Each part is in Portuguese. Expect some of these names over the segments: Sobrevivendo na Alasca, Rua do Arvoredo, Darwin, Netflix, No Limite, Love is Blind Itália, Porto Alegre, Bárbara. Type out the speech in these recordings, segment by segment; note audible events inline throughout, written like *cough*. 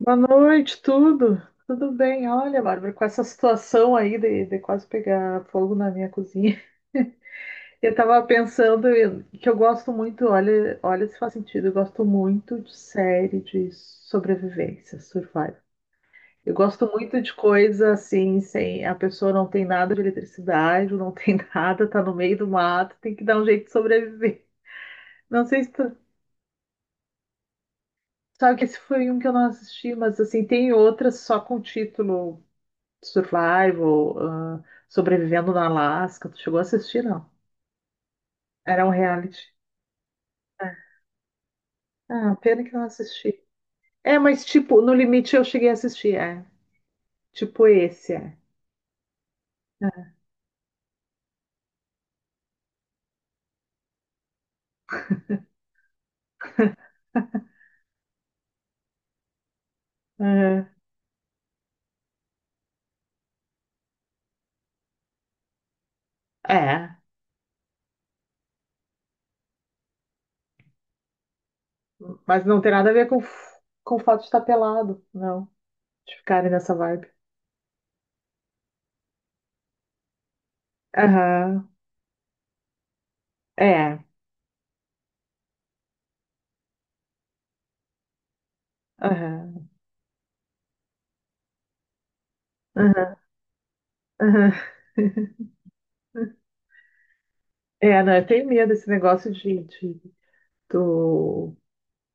Boa noite, tudo? Tudo bem? Olha, Bárbara, com essa situação aí de quase pegar fogo na minha cozinha, *laughs* eu tava pensando que eu gosto muito, olha, olha se faz sentido, eu gosto muito de série de sobrevivência, survival. Eu gosto muito de coisa assim, sem a pessoa não tem nada de eletricidade, não tem *laughs* nada, tá no meio do mato, tem que dar um jeito de sobreviver. Não sei se tu sabe que esse foi um que eu não assisti, mas assim, tem outras só com título. Survival, Sobrevivendo na Alasca. Tu chegou a assistir, não? Era um reality. É. Ah, pena que não assisti. É, mas tipo, No Limite eu cheguei a assistir, é. Tipo esse, é. Uhum. É, mas não tem nada a ver com, com o fato de estar pelado, não. De ficarem nessa vibe. Aham, é, aham, aham, aham. É, não, eu tenho medo desse negócio de do,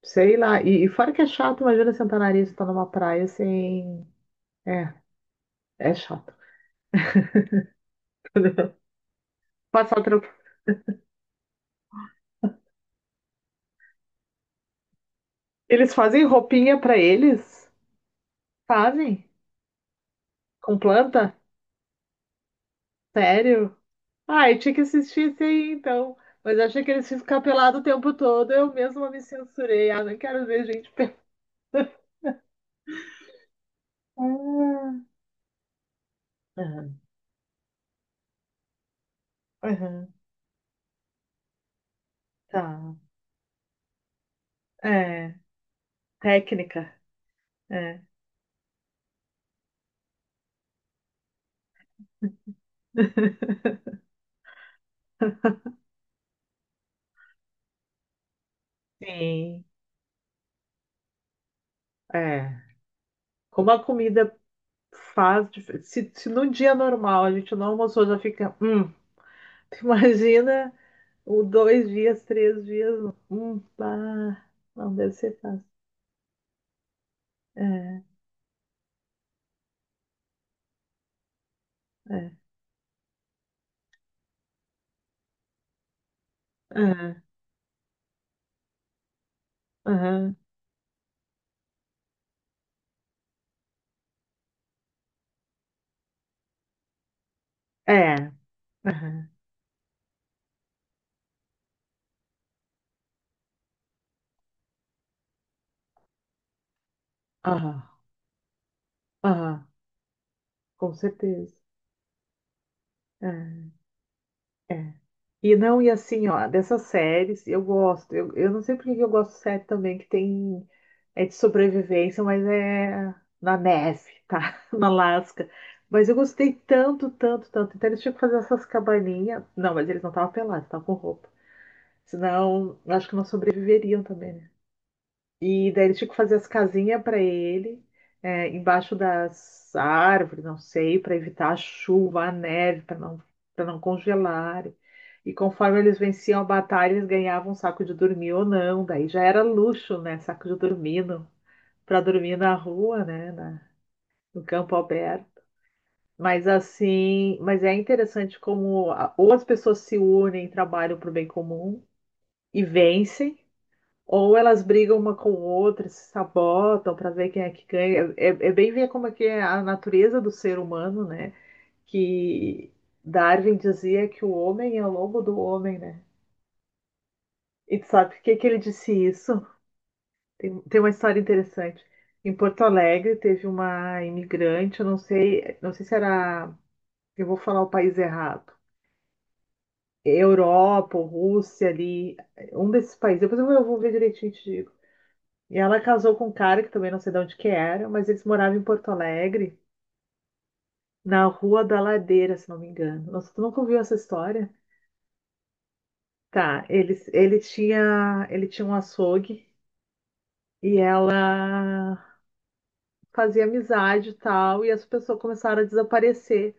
sei lá, e fora que é chato, imagina sentar nariz e estar numa praia sem, é. É chato. Passa outro. Eles fazem roupinha pra eles? Fazem? Com planta? Sério? Ai, tinha que assistir isso aí então. Mas eu achei que eles iam ficar pelados o tempo todo. Eu mesma me censurei. Ah, não quero ver gente *laughs* pelada. Ah, aham, aham, tá. É, técnica. É. *laughs* Sim. É. Como a comida faz. Se, se no dia normal a gente não almoçou, já fica. Tu imagina ou dois dias, três dias, um, pá. Não deve ser fácil. É, é, é, aham, é, aham, aham, aham, com certeza. É, é. E não, e assim, ó, dessas séries, eu gosto. Eu não sei por que que eu gosto de série também, que tem. É de sobrevivência, mas é na neve, tá? *laughs* na Alasca. Mas eu gostei tanto, tanto, tanto. Então eles tinham que fazer essas cabaninhas. Não, mas eles não estavam pelados, estavam com roupa. Senão, eu acho que não sobreviveriam também, né? E daí eles tinham que fazer as casinhas para ele, é, embaixo das árvores, não sei, para evitar a chuva, a neve, para não congelar. E conforme eles venciam a batalha, eles ganhavam um saco de dormir ou não. Daí já era luxo, né? Saco de dormir para dormir na rua, né? No campo aberto. Mas assim, mas é interessante como ou as pessoas se unem, trabalham para o bem comum e vencem. Ou elas brigam uma com outra, se sabotam para ver quem é que ganha. É, é bem ver como é que é a natureza do ser humano, né? Que Darwin dizia que o homem é o lobo do homem, né? E tu sabe por que que ele disse isso? Tem uma história interessante. Em Porto Alegre teve uma imigrante, eu não sei, não sei se era, eu vou falar o país errado. Europa, Rússia ali, um desses países. Depois eu vou ver direitinho e te digo. E ela casou com um cara que também não sei de onde que era, mas eles moravam em Porto Alegre, na Rua da Ladeira, se não me engano. Nossa, tu nunca ouviu essa história? Tá, eles, ele tinha um açougue e ela fazia amizade e tal, e as pessoas começaram a desaparecer.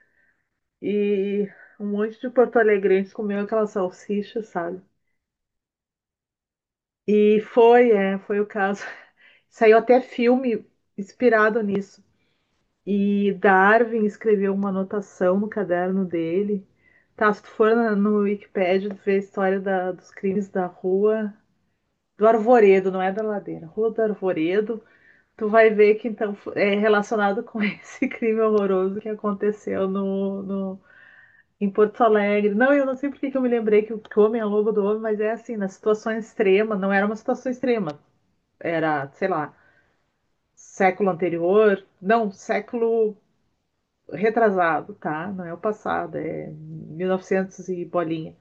E um monte de porto-alegrenses comeu aquela salsicha, sabe? E foi, é, foi o caso. *laughs* Saiu até filme inspirado nisso. E Darwin escreveu uma anotação no caderno dele. Tá, se tu for no Wikipedia, tu vê a história dos crimes da rua do Arvoredo, não é da ladeira, Rua do Arvoredo. Tu vai ver que então é relacionado com *laughs* esse crime horroroso que aconteceu em Porto Alegre. Não, eu não sei por que que eu me lembrei que o homem é lobo do homem, mas é assim, na situação extrema, não era uma situação extrema, era, sei lá, século anterior, não, século retrasado, tá? Não é o passado, é 1900 e novecentos e bolinha.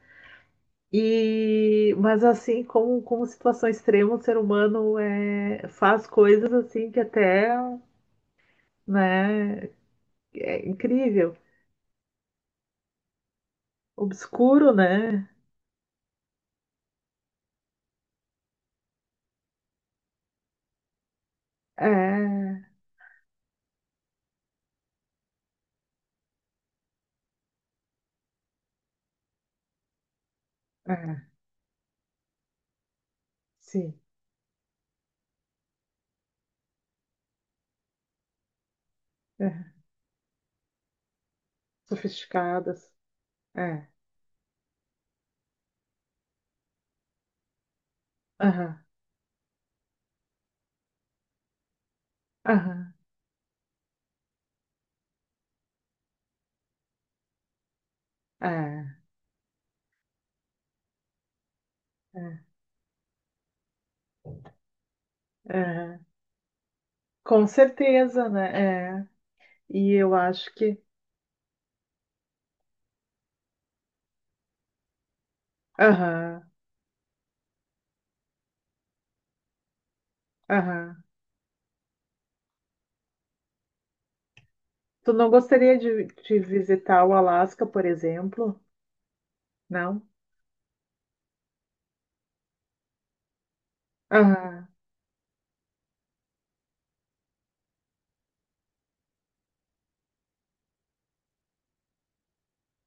E, mas assim, como, como situação extrema, o ser humano é, faz coisas assim que até, né, é incrível, obscuro, né? É, é, sim, é, sofisticadas, é, aham, aham, é, é, é, com certeza, né? É, e eu acho que, aham, aham. Tu não gostaria de visitar o Alasca, por exemplo? Não? Aham,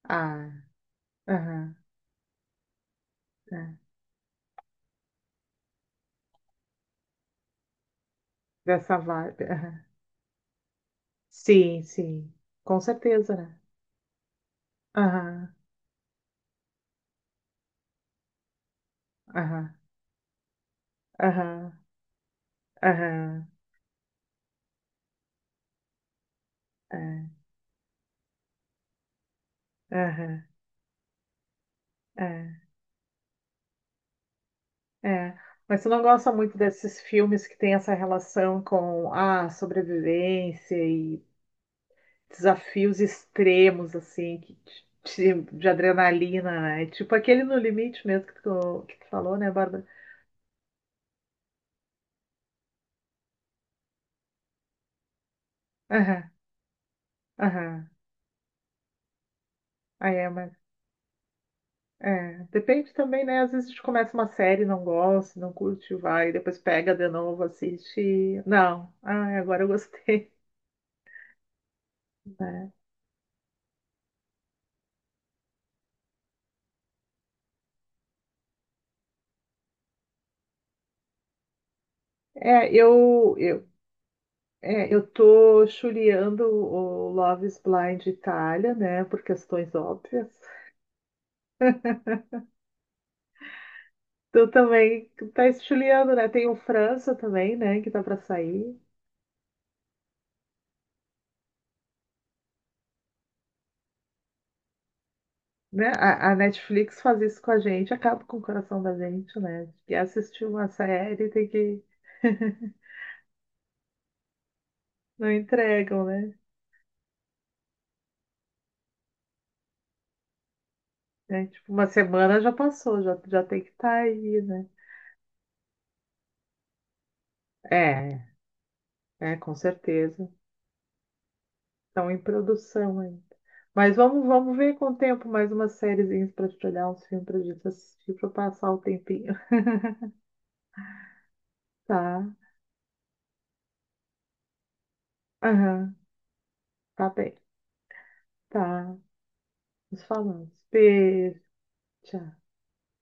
ah, aham, é. Dessa vibe. Aham. Sim, sim. Com certeza, né? Aham, aham, aham, aham, é, aham, é, é. Mas tu não gosta muito desses filmes que tem essa relação com a sobrevivência e desafios extremos, assim, que de adrenalina, né? Tipo aquele No Limite mesmo que tu falou, né, Bárbara? Aham, aham. Aí é, mas. É, depende também, né? Às vezes a gente começa uma série, não gosta, não curte, vai, depois pega de novo, assiste. Não, ah, agora eu gostei. *laughs* né? É, é, eu tô chuleando o Love is Blind Itália, né? Por questões óbvias. Tu também tá chuleando, né? Tem o França também, né? Que tá pra sair. Né? A Netflix faz isso com a gente, acaba com o coração da gente, né? E assistir uma série tem que. *laughs* Não entregam, né? É, tipo, uma semana já passou, já, já tem que estar aí, né? É, é, com certeza. Estão em produção ainda. Mas vamos, vamos ver com o tempo mais umas sériezinhas para te olhar, uns filmes pra gente assistir, para passar o tempinho. *laughs* Tá? Aham, tá bem. Tá. Nos falamos. Beijo. Tchau.